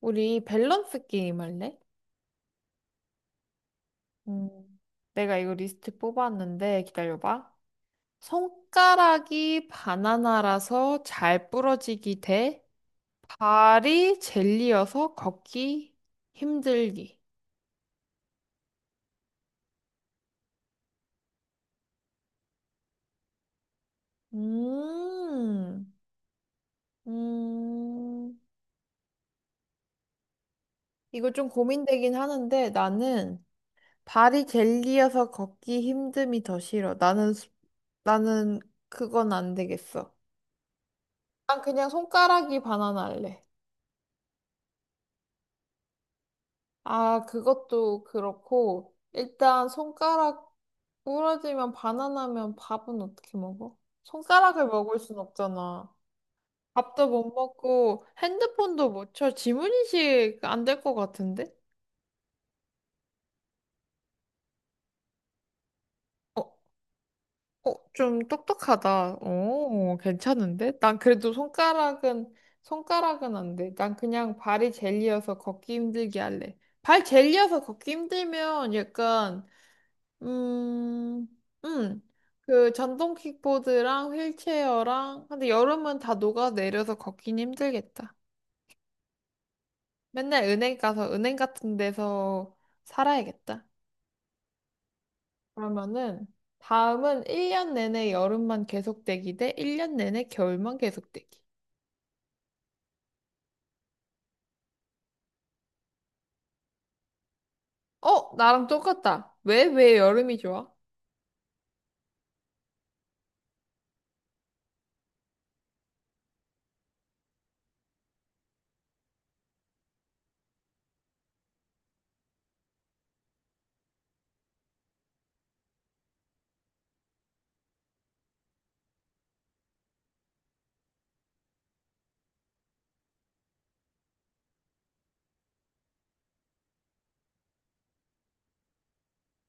우리 밸런스 게임 할래? 음. 내가 이거 리스트 뽑았는데 기다려봐. 손가락이 바나나라서 잘 부러지기 대 발이 젤리여서 걷기 힘들기. 음, 음, 이거 좀 고민되긴 하는데 나는. 발이 젤리여서 걷기 힘듦이 더 싫어. 나는 그건 안 되겠어. 난 그냥 손가락이 바나나 할래. 아, 그것도 그렇고, 일단 손가락 부러지면 바나나면 밥은 어떻게 먹어? 손가락을 먹을 순 없잖아. 밥도 못 먹고, 핸드폰도 못 쳐. 지문인식 안 될 것 같은데? 어, 좀 똑똑하다. 오, 괜찮은데? 난 그래도 손가락은 안 돼. 난 그냥 발이 젤리여서 걷기 힘들게 할래. 발 젤리여서 걷기 힘들면 약간 음, 음. 그 전동 킥보드랑 휠체어랑 근데 여름은 다 녹아내려서 걷긴 힘들겠다. 맨날 은행 가서 은행 같은 데서 살아야겠다. 그러면은 다음은 1년 내내 여름만 계속되기 대 1년 내내 겨울만 계속되기. 어, 나랑 똑같다. 왜 여름이 좋아?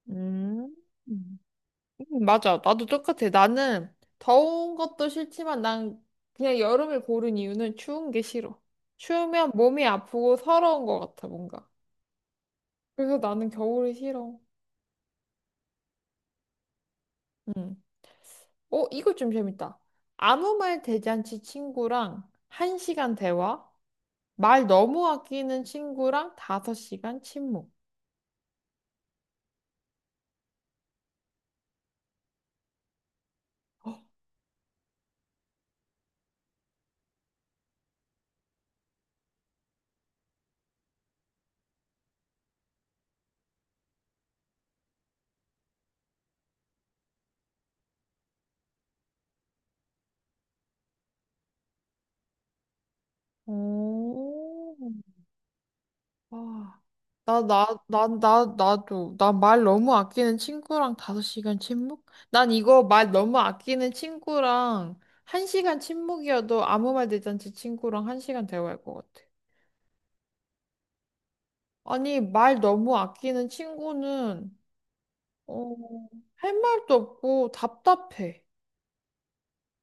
음. 맞아. 나도 똑같아. 나는 더운 것도 싫지만 난 그냥 여름을 고른 이유는 추운 게 싫어. 추우면 몸이 아프고 서러운 것 같아, 뭔가. 그래서 나는 겨울이 싫어. 음. 어, 이거 좀 재밌다. 아무 말 대잔치 친구랑 한시간 대화, 말 너무 아끼는 친구랑 다섯 시간 침묵. 오. 와, 나도. 나 말 너무 아끼는 친구랑 다섯 시간 침묵? 난 이거 말 너무 아끼는 친구랑 한 시간 침묵이어도 아무 말 대잔치 친구랑 한 시간 대화할 것 같아. 아니, 말 너무 아끼는 친구는, 어, 할 말도 없고 답답해.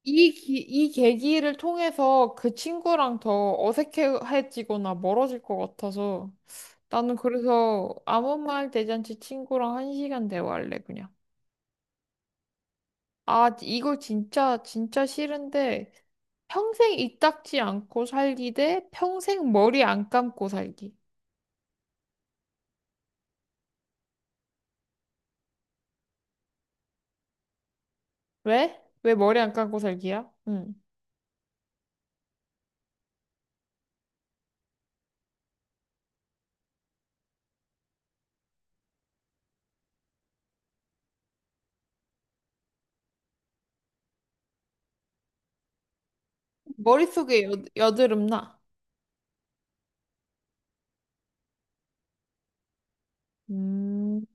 이 계기를 통해서 그 친구랑 더 어색해지거나 멀어질 것 같아서 나는 그래서 아무 말 대잔치 친구랑 한 시간 대화할래 그냥. 아, 이거 진짜 진짜 싫은데 평생 이 닦지 않고 살기 대 평생 머리 안 감고 살기. 왜? 왜 머리 안 감고 살기야? 응. 머릿속에 여, 여드름 나. 음.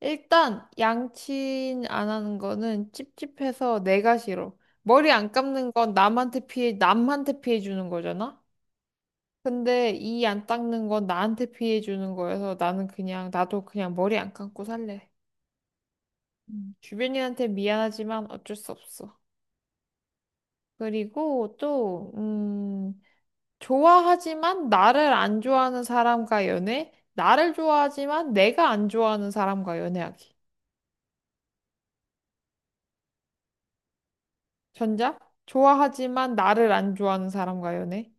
일단 양치 안 하는 거는 찝찝해서 내가 싫어. 머리 안 감는 건 남한테 피해 주는 거잖아? 근데 이 안 닦는 건 나한테 피해 주는 거여서 나는 그냥, 나도 그냥 머리 안 감고 살래. 주변인한테 미안하지만 어쩔 수 없어. 그리고 또, 좋아하지만 나를 안 좋아하는 사람과 연애? 나를 좋아하지만 내가 안 좋아하는 사람과 연애하기. 전자? 좋아하지만 나를 안 좋아하는 사람과 연애?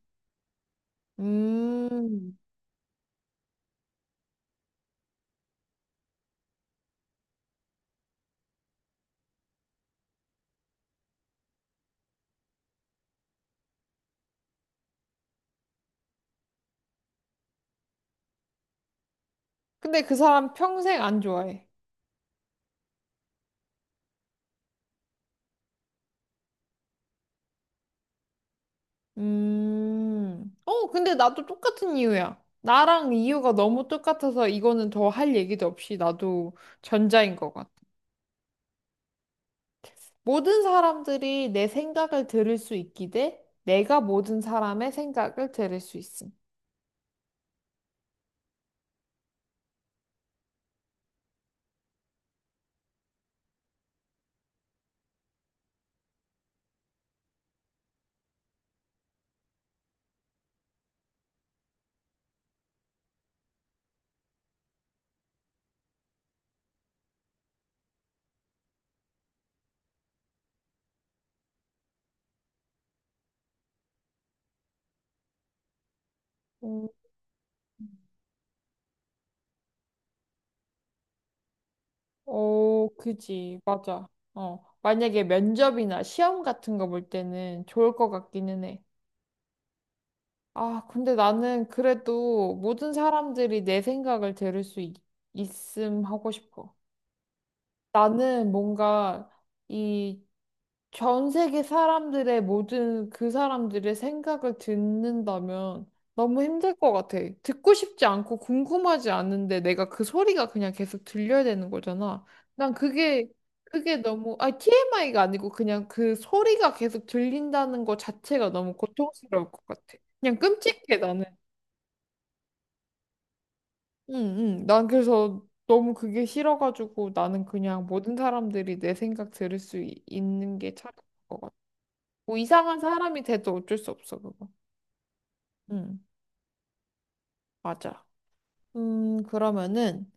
음. 근데 그 사람 평생 안 좋아해. 음. 어, 근데 나도 똑같은 이유야. 나랑 이유가 너무 똑같아서 이거는 더 할 얘기도 없이 나도 전자인 것 같아. 모든 사람들이 내 생각을 들을 수 있기 대 내가 모든 사람의 생각을 들을 수 있음. 음. 어, 그지. 맞아. 어. 만약에 면접이나 시험 같은 거 볼 때는 좋을 것 같기는 해. 아, 근데 나는 그래도 모든 사람들이 내 생각을 들을 수 있, 하고 싶어. 나는 뭔가 이 전 세계 사람들의 모든 그 사람들의 생각을 듣는다면 너무 힘들 것 같아. 듣고 싶지 않고 궁금하지 않은데 내가 그 소리가 그냥 계속 들려야 되는 거잖아. 난 그게, 그게 너무, 아니, TMI가 아니고 그냥 그 소리가 계속 들린다는 것 자체가 너무 고통스러울 것 같아. 그냥 끔찍해, 나는. 응, 응. 난 그래서 너무 그게 싫어가지고 나는 그냥 모든 사람들이 내 생각 들을 수 있, 는게 차라리 것 같아. 뭐 이상한 사람이 돼도 어쩔 수 없어, 그거. 응, 맞아. 그러면은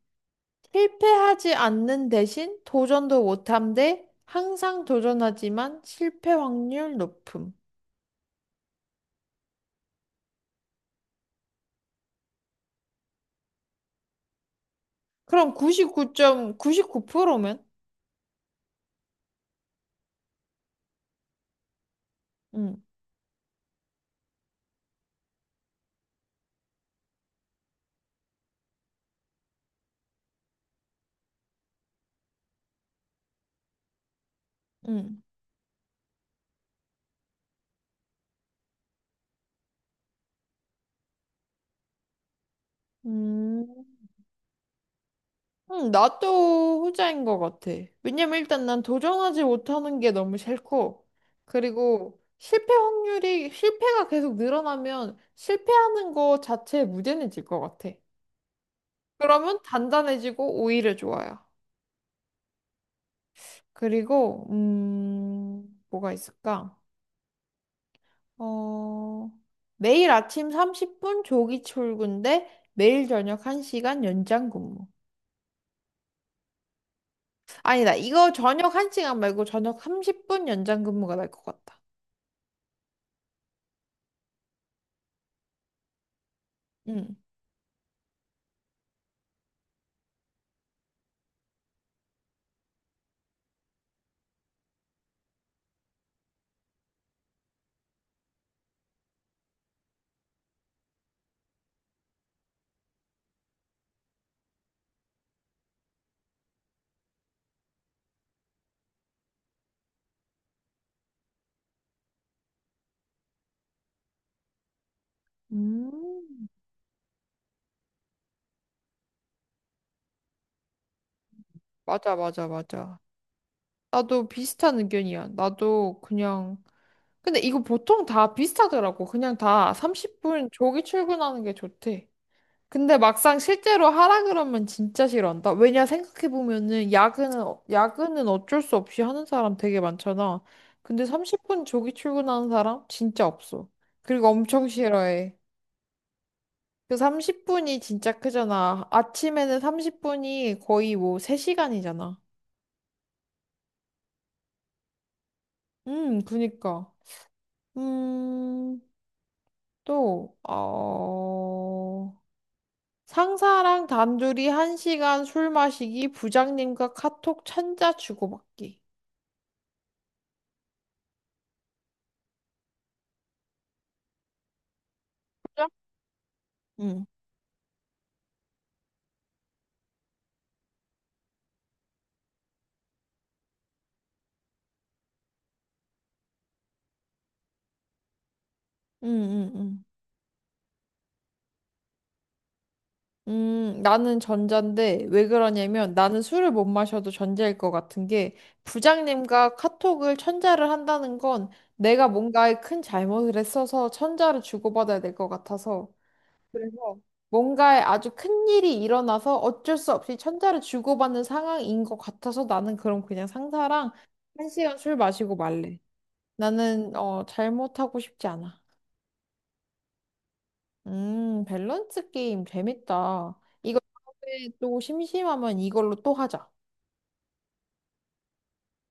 실패하지 않는 대신 도전도 못함 대 항상 도전하지만 실패 확률 높음. 그럼 99.99%면? 응, 응. 음. 응, 나도 후자인 것 같아. 왜냐면 일단 난 도전하지 못하는 게 너무 싫고, 그리고 실패가 계속 늘어나면 실패하는 거 자체에 무뎌해질 것 같아. 그러면 단단해지고 오히려 좋아요. 그리고, 뭐가 있을까? 어, 매일 아침 30분 조기 출근 대 매일 저녁 1시간 연장 근무. 아니다, 이거 저녁 1시간 말고 저녁 30분 연장 근무가 날 것 같다. 응. 음. 맞아, 맞아, 맞아. 나도 비슷한 의견이야. 나도 그냥. 근데 이거 보통 다 비슷하더라고. 그냥 다 30분 조기 출근하는 게 좋대. 근데 막상 실제로 하라 그러면 진짜 싫어한다. 왜냐 생각해보면은 야근은 어쩔 수 없이 하는 사람 되게 많잖아. 근데 30분 조기 출근하는 사람 진짜 없어. 그리고 엄청 싫어해. 그 30분이 진짜 크잖아. 아침에는 30분이 거의 뭐 3시간이잖아. 그니까. 음, 또, 어, 상사랑 단둘이 한 시간 술 마시기, 부장님과 카톡 천자 주고받기. 부장? 응, 응, 응, 응. 나는 전자인데, 왜 그러냐면, 나는 술을 못 마셔도 전자일 것 같은 게, 부장님과 카톡을 천자를 한다는 건, 내가 뭔가에 큰 잘못을 했어서 천자를 주고받아야 될 것 같아서, 그래서 뭔가 아주 큰 일이 일어나서 어쩔 수 없이 천자를 주고받는 상황인 것 같아서 나는 그럼 그냥 상사랑 한 시간 술 마시고 말래. 나는 어 잘못하고 싶지 않아. 밸런스 게임 재밌다. 이거 다음에 또 심심하면 이걸로 또 하자.